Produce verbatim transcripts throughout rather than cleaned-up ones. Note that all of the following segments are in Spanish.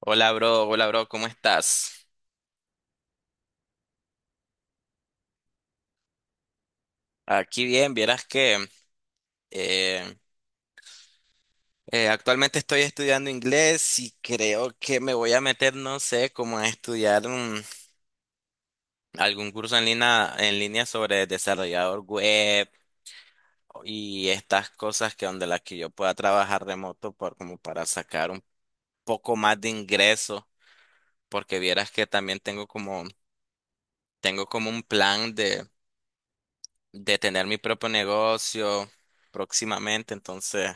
Hola, bro. Hola, bro. ¿Cómo estás? Aquí bien. Vieras que eh, eh, actualmente estoy estudiando inglés y creo que me voy a meter, no sé, como a estudiar un- algún curso en línea, en línea sobre desarrollador web y estas cosas que donde las que yo pueda trabajar remoto por, como para sacar un poco más de ingreso, porque vieras que también tengo como, tengo como un plan de, de tener mi propio negocio próximamente, entonces.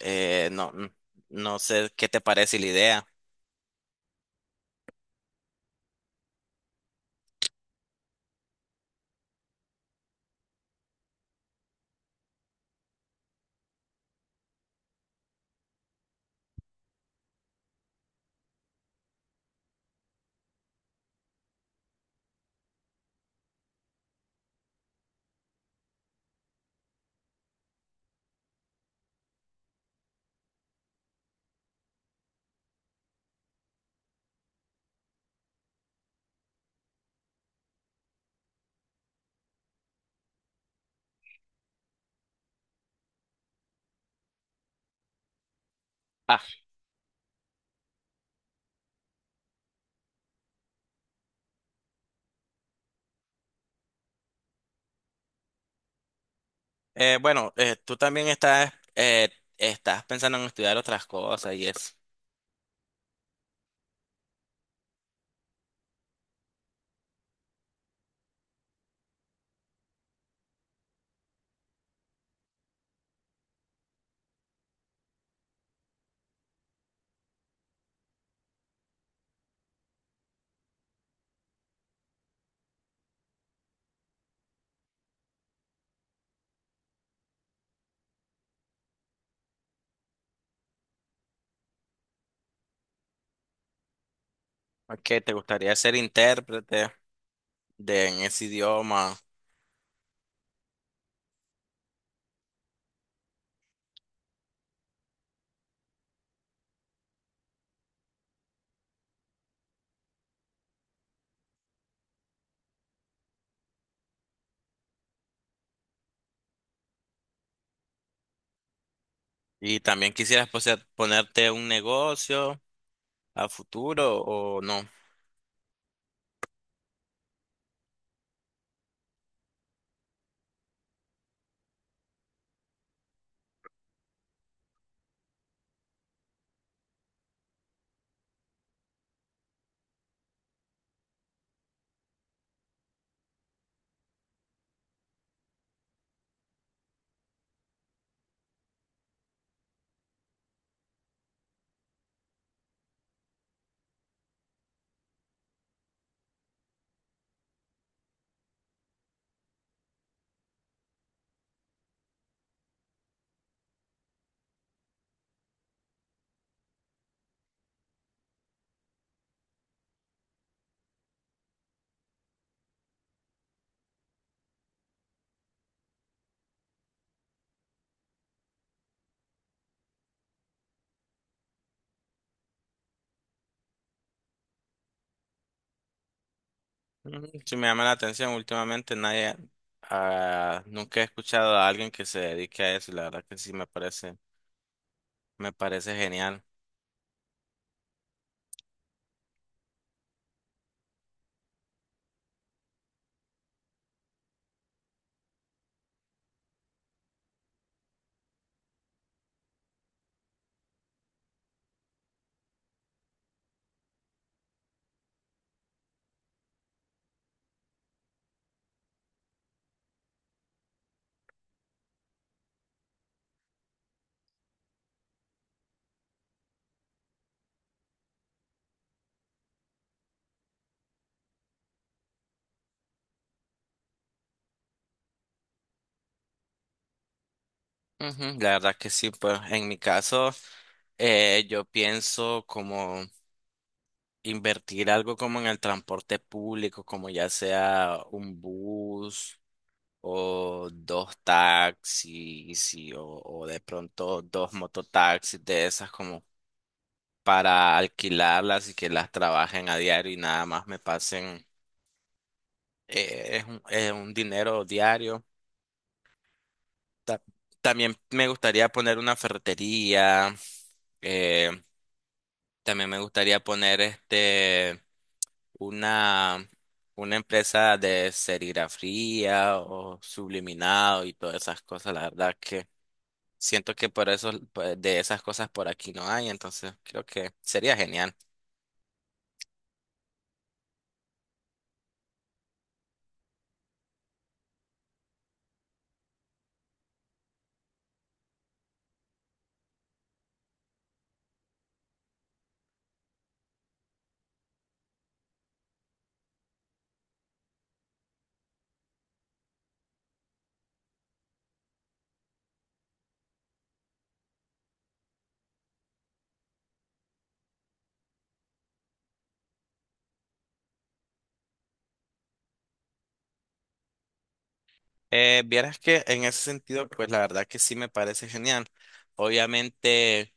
Eh, no, n- no sé qué te parece la idea. Ah, eh, bueno, eh, Tú también estás, eh, estás pensando en estudiar otras cosas y es que te gustaría ser intérprete de en ese idioma, y también quisieras poseer- ponerte un negocio a futuro o no. Mm, sí me llama la atención. Últimamente nadie, ah, nunca he escuchado a alguien que se dedique a eso, y la verdad que sí me parece, me parece genial. Ujú, la verdad que sí. Pues en mi caso eh, yo pienso como invertir algo como en el transporte público, como ya sea un bus o dos taxis y- o, o de pronto dos mototaxis de esas como para alquilarlas y que las trabajen a diario y nada más me pasen, eh, es un, es un dinero diario. Ta- También me gustaría poner una ferretería. eh, También me gustaría poner este una, una empresa de serigrafía o subliminado y todas esas cosas. La verdad que siento que por eso pues, de esas cosas por aquí no hay, entonces creo que sería genial. Eh, vieras que en ese sentido, pues la verdad que sí me parece genial. Obviamente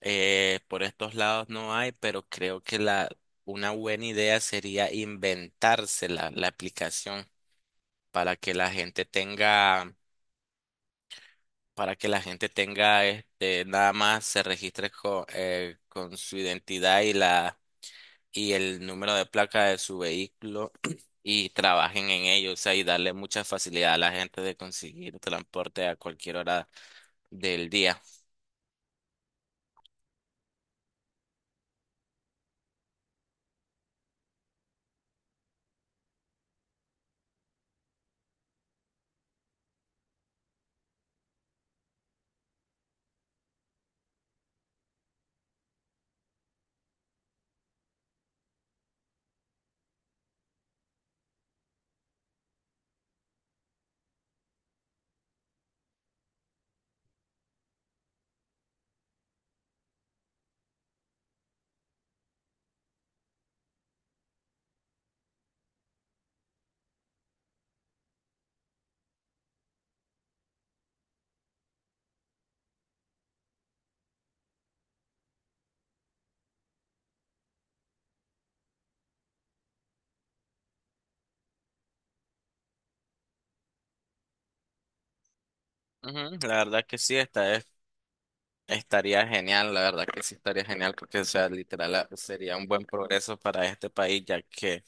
eh, por estos lados no hay, pero creo que la una buena idea sería inventarse la la aplicación para que la gente tenga, para que la gente tenga este, nada más se registre con, eh, con su identidad y la y el número de placa de su vehículo y trabajen en ello, o sea, y darle mucha facilidad a la gente de conseguir transporte a cualquier hora del día. Ujú, la verdad que sí. está Estaría genial, la verdad que sí estaría genial porque, o sea, literal ah, sería un buen progreso para este país, ya que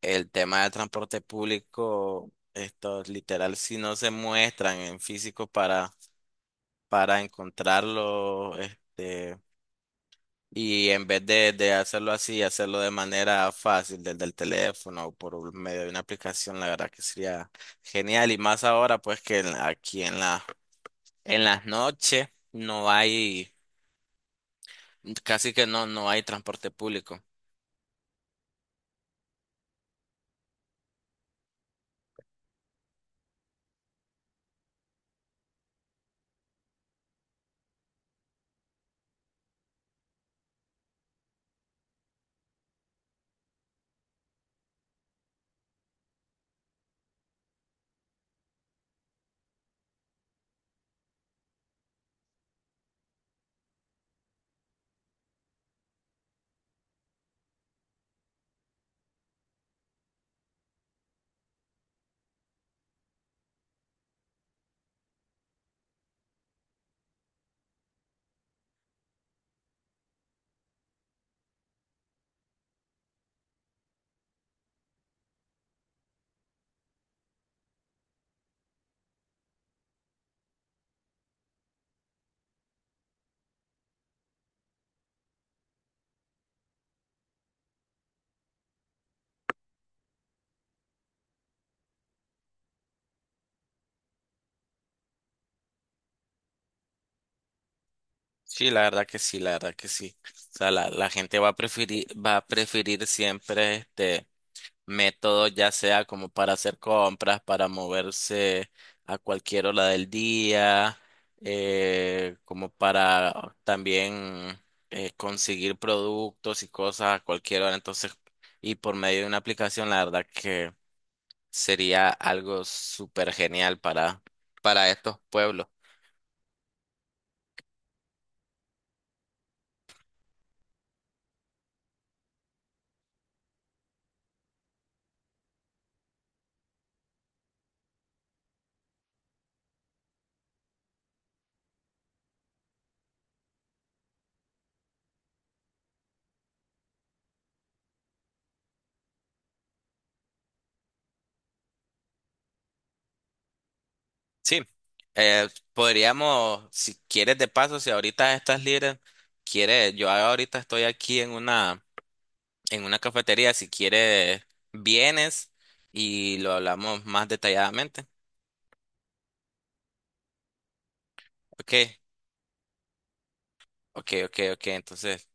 el tema del transporte público, estos literal, si no se muestran en físico para, para encontrarlo, este, y en vez de, de hacerlo así, hacerlo de manera fácil, desde el teléfono o por un- medio de una aplicación, la verdad que sería genial. Y más ahora, pues que en- aquí en la, en las noches no hay. Casi que no, no hay transporte público. Sí, la verdad que sí, la verdad que sí. O sea, la, la gente va a preferir, va a preferir siempre este método, ya sea como para hacer compras, para moverse a cualquier hora del día, eh, como para también eh, conseguir productos y cosas a cualquier hora. Entonces, y por medio de una aplicación, la verdad que sería algo súper genial para, para estos pueblos. Sí, eh, podríamos, si quieres de paso, si ahorita estás libre, quieres, yo ahorita estoy aquí en una, en una cafetería, si quieres, vienes y lo hablamos más detalladamente. Ok, ok, ok, ok, entonces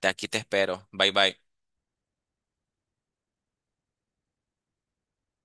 de aquí te espero. Bye, bye.